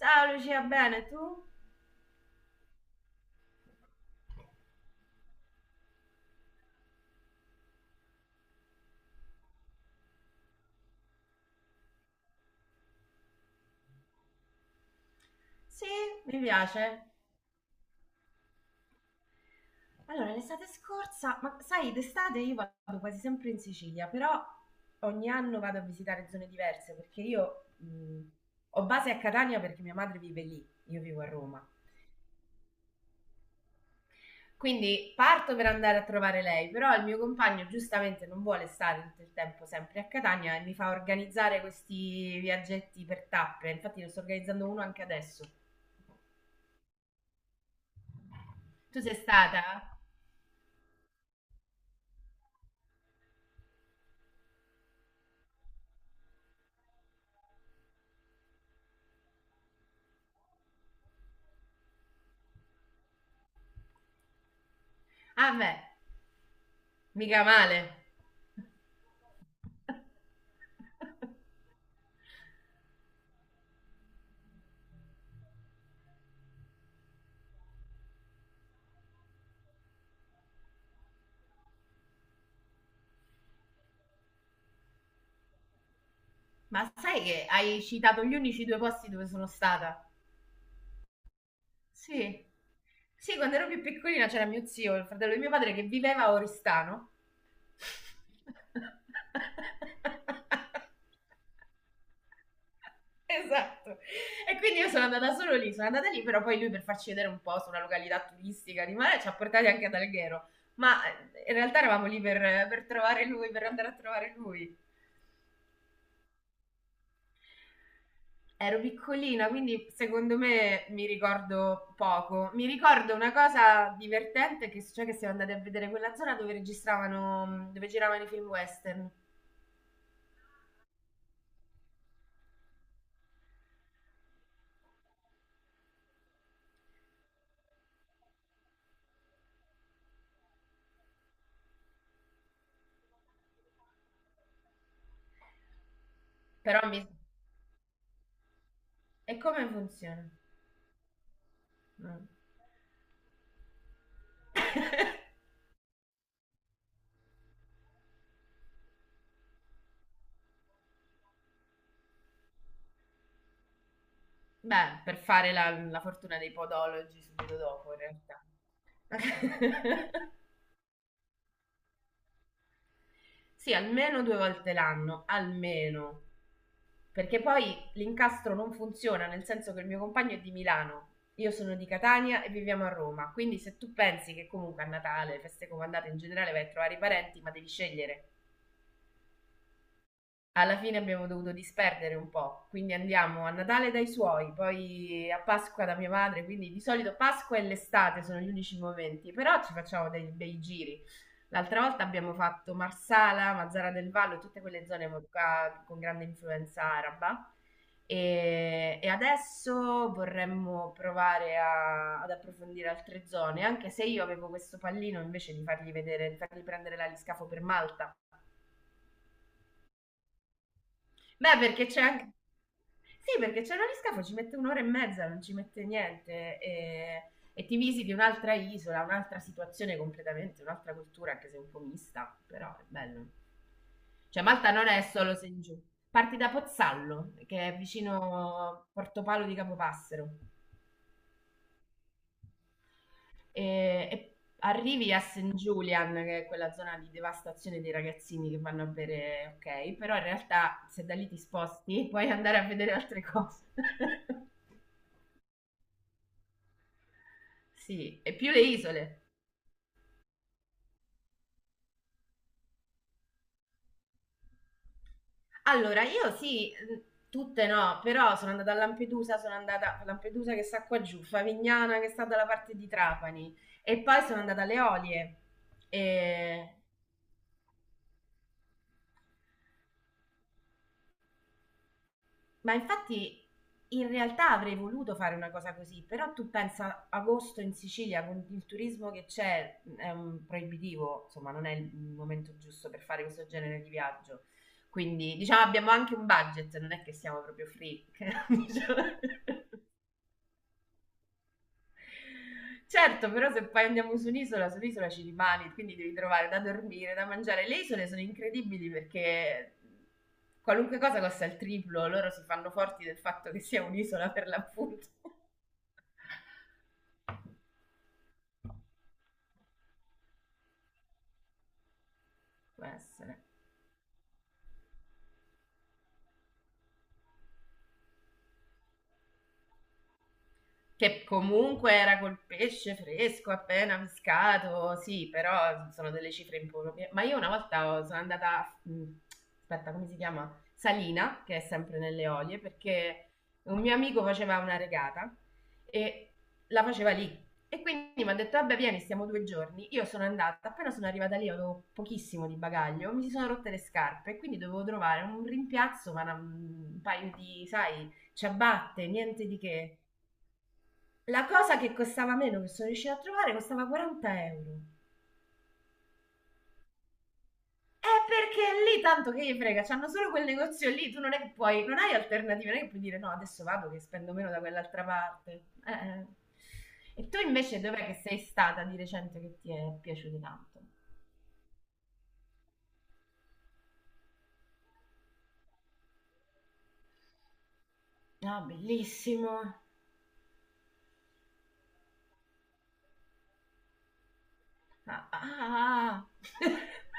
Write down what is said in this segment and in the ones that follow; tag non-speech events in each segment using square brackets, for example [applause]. Ciao Lucia, bene tu? Sì, mi piace. Allora, l'estate scorsa, ma sai, d'estate io vado quasi sempre in Sicilia, però ogni anno vado a visitare zone diverse perché io ho base a Catania perché mia madre vive lì, io vivo a Roma. Quindi parto per andare a trovare lei, però il mio compagno giustamente non vuole stare tutto il tempo sempre a Catania e mi fa organizzare questi viaggetti per tappe. Infatti ne sto organizzando uno anche adesso. Tu sei stata? Ah, beh. Mica male. Ma sai che hai citato gli unici due posti dove sono stata? Sì. Sì, quando ero più piccolina c'era mio zio, il fratello di mio padre, che viveva a Oristano. [laughs] Esatto. E quindi io sono andata solo lì, sono andata lì, però poi lui per farci vedere un po' su una località turistica di mare ci ha portati anche ad Alghero. Ma in realtà eravamo lì per trovare lui, per andare a trovare lui. Ero piccolina, quindi secondo me mi ricordo poco. Mi ricordo una cosa divertente che cioè che siamo andati a vedere quella zona dove registravano, dove giravano i film western. Però mi. E come funziona? Mm. Beh, per fare la fortuna dei podologi subito dopo, in realtà. [laughs] Sì, almeno due volte l'anno, almeno. Perché poi l'incastro non funziona, nel senso che il mio compagno è di Milano, io sono di Catania e viviamo a Roma, quindi se tu pensi che comunque a Natale, feste comandate in generale vai a trovare i parenti, ma devi scegliere. Alla fine abbiamo dovuto disperdere un po', quindi andiamo a Natale dai suoi, poi a Pasqua da mia madre, quindi di solito Pasqua e l'estate sono gli unici momenti, però ci facciamo dei bei giri. L'altra volta abbiamo fatto Marsala, Mazzara del Vallo, tutte quelle zone qua con grande influenza araba. E adesso vorremmo provare ad approfondire altre zone, anche se io avevo questo pallino invece di fargli vedere, di fargli prendere l'aliscafo per Malta. Beh, perché c'è anche. Sì, perché c'è un aliscafo, ci mette un'ora e mezza, non ci mette niente. E ti visiti un'altra isola, un'altra situazione completamente, un'altra cultura, anche se un po' mista, però è bello. Cioè Malta non è solo Saint Giu. Parti da Pozzallo, che è vicino Portopalo di Capopassero, e, e arrivi a St. Julian, che è quella zona di devastazione dei ragazzini che vanno a bere, ok, però in realtà se da lì ti sposti puoi andare a vedere altre cose. [laughs] Sì, e più le isole. Allora, io sì, tutte no, però sono andata a Lampedusa che sta qua giù, Favignana che sta dalla parte di Trapani e poi sono andata alle Olie. E- Ma infatti in realtà avrei voluto fare una cosa così, però tu pensa agosto in Sicilia con il turismo che c'è, è un proibitivo, insomma, non è il momento giusto per fare questo genere di viaggio. Quindi, diciamo, abbiamo anche un budget, non è che siamo proprio free. [laughs] Diciamo. Certo, però se poi andiamo su un'isola, sull'isola ci rimani, quindi devi trovare da dormire, da mangiare. Le isole sono incredibili perché qualunque cosa costa il triplo, loro si fanno forti del fatto che sia un'isola per l'appunto. [laughs] Può essere. Che comunque era col pesce fresco appena pescato, sì, però sono delle cifre improprie. Ma io una volta sono andata, aspetta, come si chiama? Salina, che è sempre nelle Olie, perché un mio amico faceva una regata e la faceva lì. E quindi mi ha detto, vabbè, vieni, stiamo 2 giorni. Io sono andata, appena sono arrivata lì avevo pochissimo di bagaglio, mi si sono rotte le scarpe e quindi dovevo trovare un rimpiazzo, ma un paio di, sai, ciabatte, niente di che. La cosa che costava meno, che sono riuscita a trovare, costava 40 euro. È perché lì tanto che gli frega, c'hanno solo quel negozio lì, tu non è che puoi, non hai alternative, non è che puoi dire no, adesso vado che spendo meno da quell'altra parte. E tu invece dov'è che sei stata di recente che ti è piaciuto tanto? Ah, bellissimo. Ah, ah, ah. [laughs]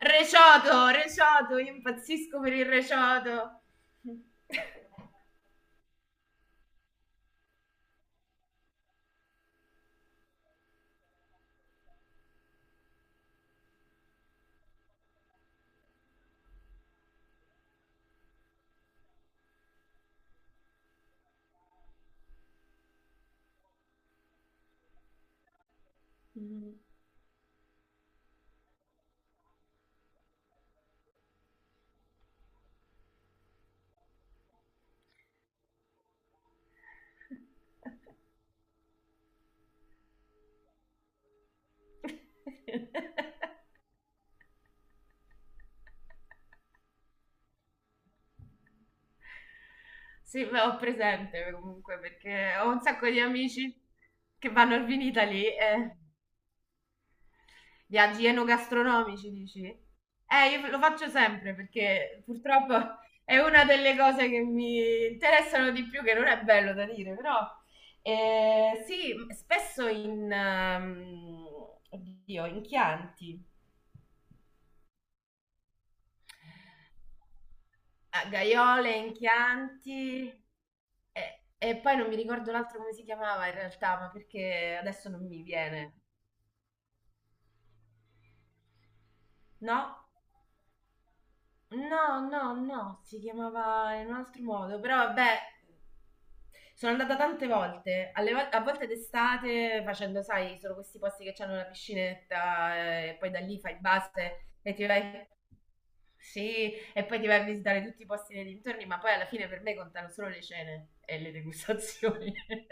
Recioto, recioto, io impazzisco per il recioto. [laughs] Mm. [laughs] Sì, beh, ho presente comunque perché ho un sacco di amici che vanno al Vinitaly e viaggi enogastronomici, dici? Io lo faccio sempre perché purtroppo è una delle cose che mi interessano di più, che non è bello da dire, però sì, spesso in, oddio, in Chianti. A Gaiole, Enchianti e poi non mi ricordo l'altro come si chiamava in realtà, ma perché adesso non mi viene. No? No, no, no, si chiamava in un altro modo, però vabbè, sono andata tante volte, a volte d'estate facendo, sai, sono questi posti che hanno la piscinetta e poi da lì fai base e ti vai. Sì, e poi ti vai a visitare tutti i posti nei dintorni, ma poi alla fine per me contano solo le cene e le degustazioni. [laughs]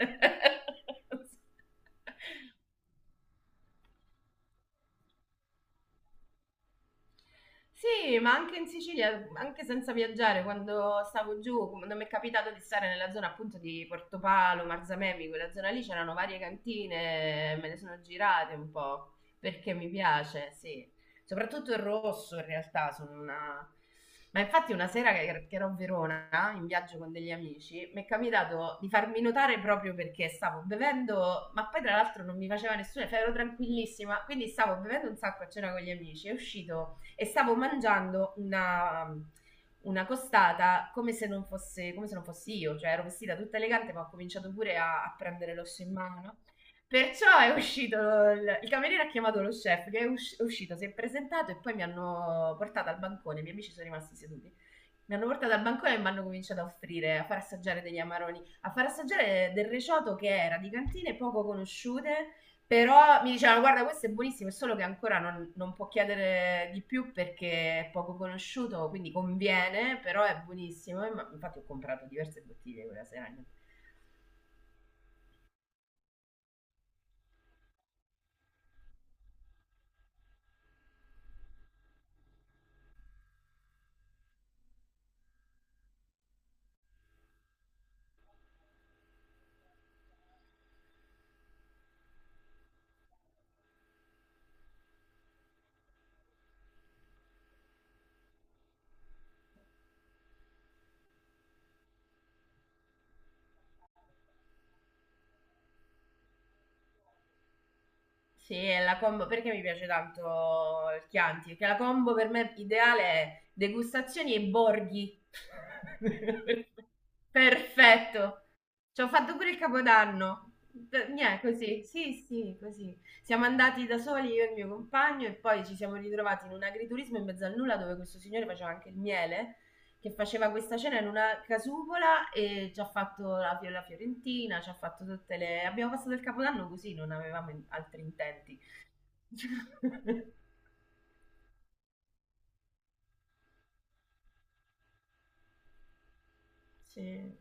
Sì, ma anche in Sicilia, anche senza viaggiare, quando stavo giù, quando mi è capitato di stare nella zona appunto di Portopalo, Marzamemi, quella zona lì c'erano varie cantine, me ne sono girate un po' perché mi piace, sì. Soprattutto il rosso in realtà, sono una. Ma infatti una sera che ero a Verona in viaggio con degli amici, mi è capitato di farmi notare proprio perché stavo bevendo, ma poi tra l'altro non mi faceva nessuno, cioè ero tranquillissima, quindi stavo bevendo un sacco a cena con gli amici, è uscito e stavo mangiando una costata come se non fossi io, cioè ero vestita tutta elegante ma ho cominciato pure a prendere l'osso in mano. Perciò è uscito, il cameriere ha chiamato lo chef che è uscito, si è presentato e poi mi hanno portato al bancone, i miei amici sono rimasti seduti. Mi hanno portato al bancone e mi hanno cominciato a offrire, a far assaggiare degli amaroni, a far assaggiare del reciotto che era di cantine poco conosciute, però mi dicevano guarda questo è buonissimo, è solo che ancora non può chiedere di più perché è poco conosciuto, quindi conviene, però è buonissimo. Infatti ho comprato diverse bottiglie quella sera. Sì, è la combo perché mi piace tanto il Chianti, perché la combo per me ideale è degustazioni e borghi. [laughs] Perfetto. Ci ho fatto pure il Capodanno. Niente, così. Sì, sì, così. Siamo andati da soli io e il mio compagno e poi ci siamo ritrovati in un agriturismo in mezzo al nulla dove questo signore faceva anche il miele che faceva questa cena in una casupola e ci ha fatto la fiorentina, ci ha fatto tutte le. Abbiamo passato il capodanno così, non avevamo altri intenti. [laughs] Sì.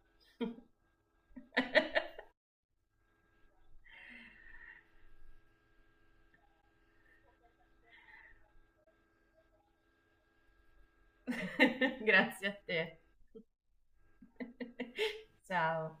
[laughs] [laughs] Grazie a te. [laughs] Ciao.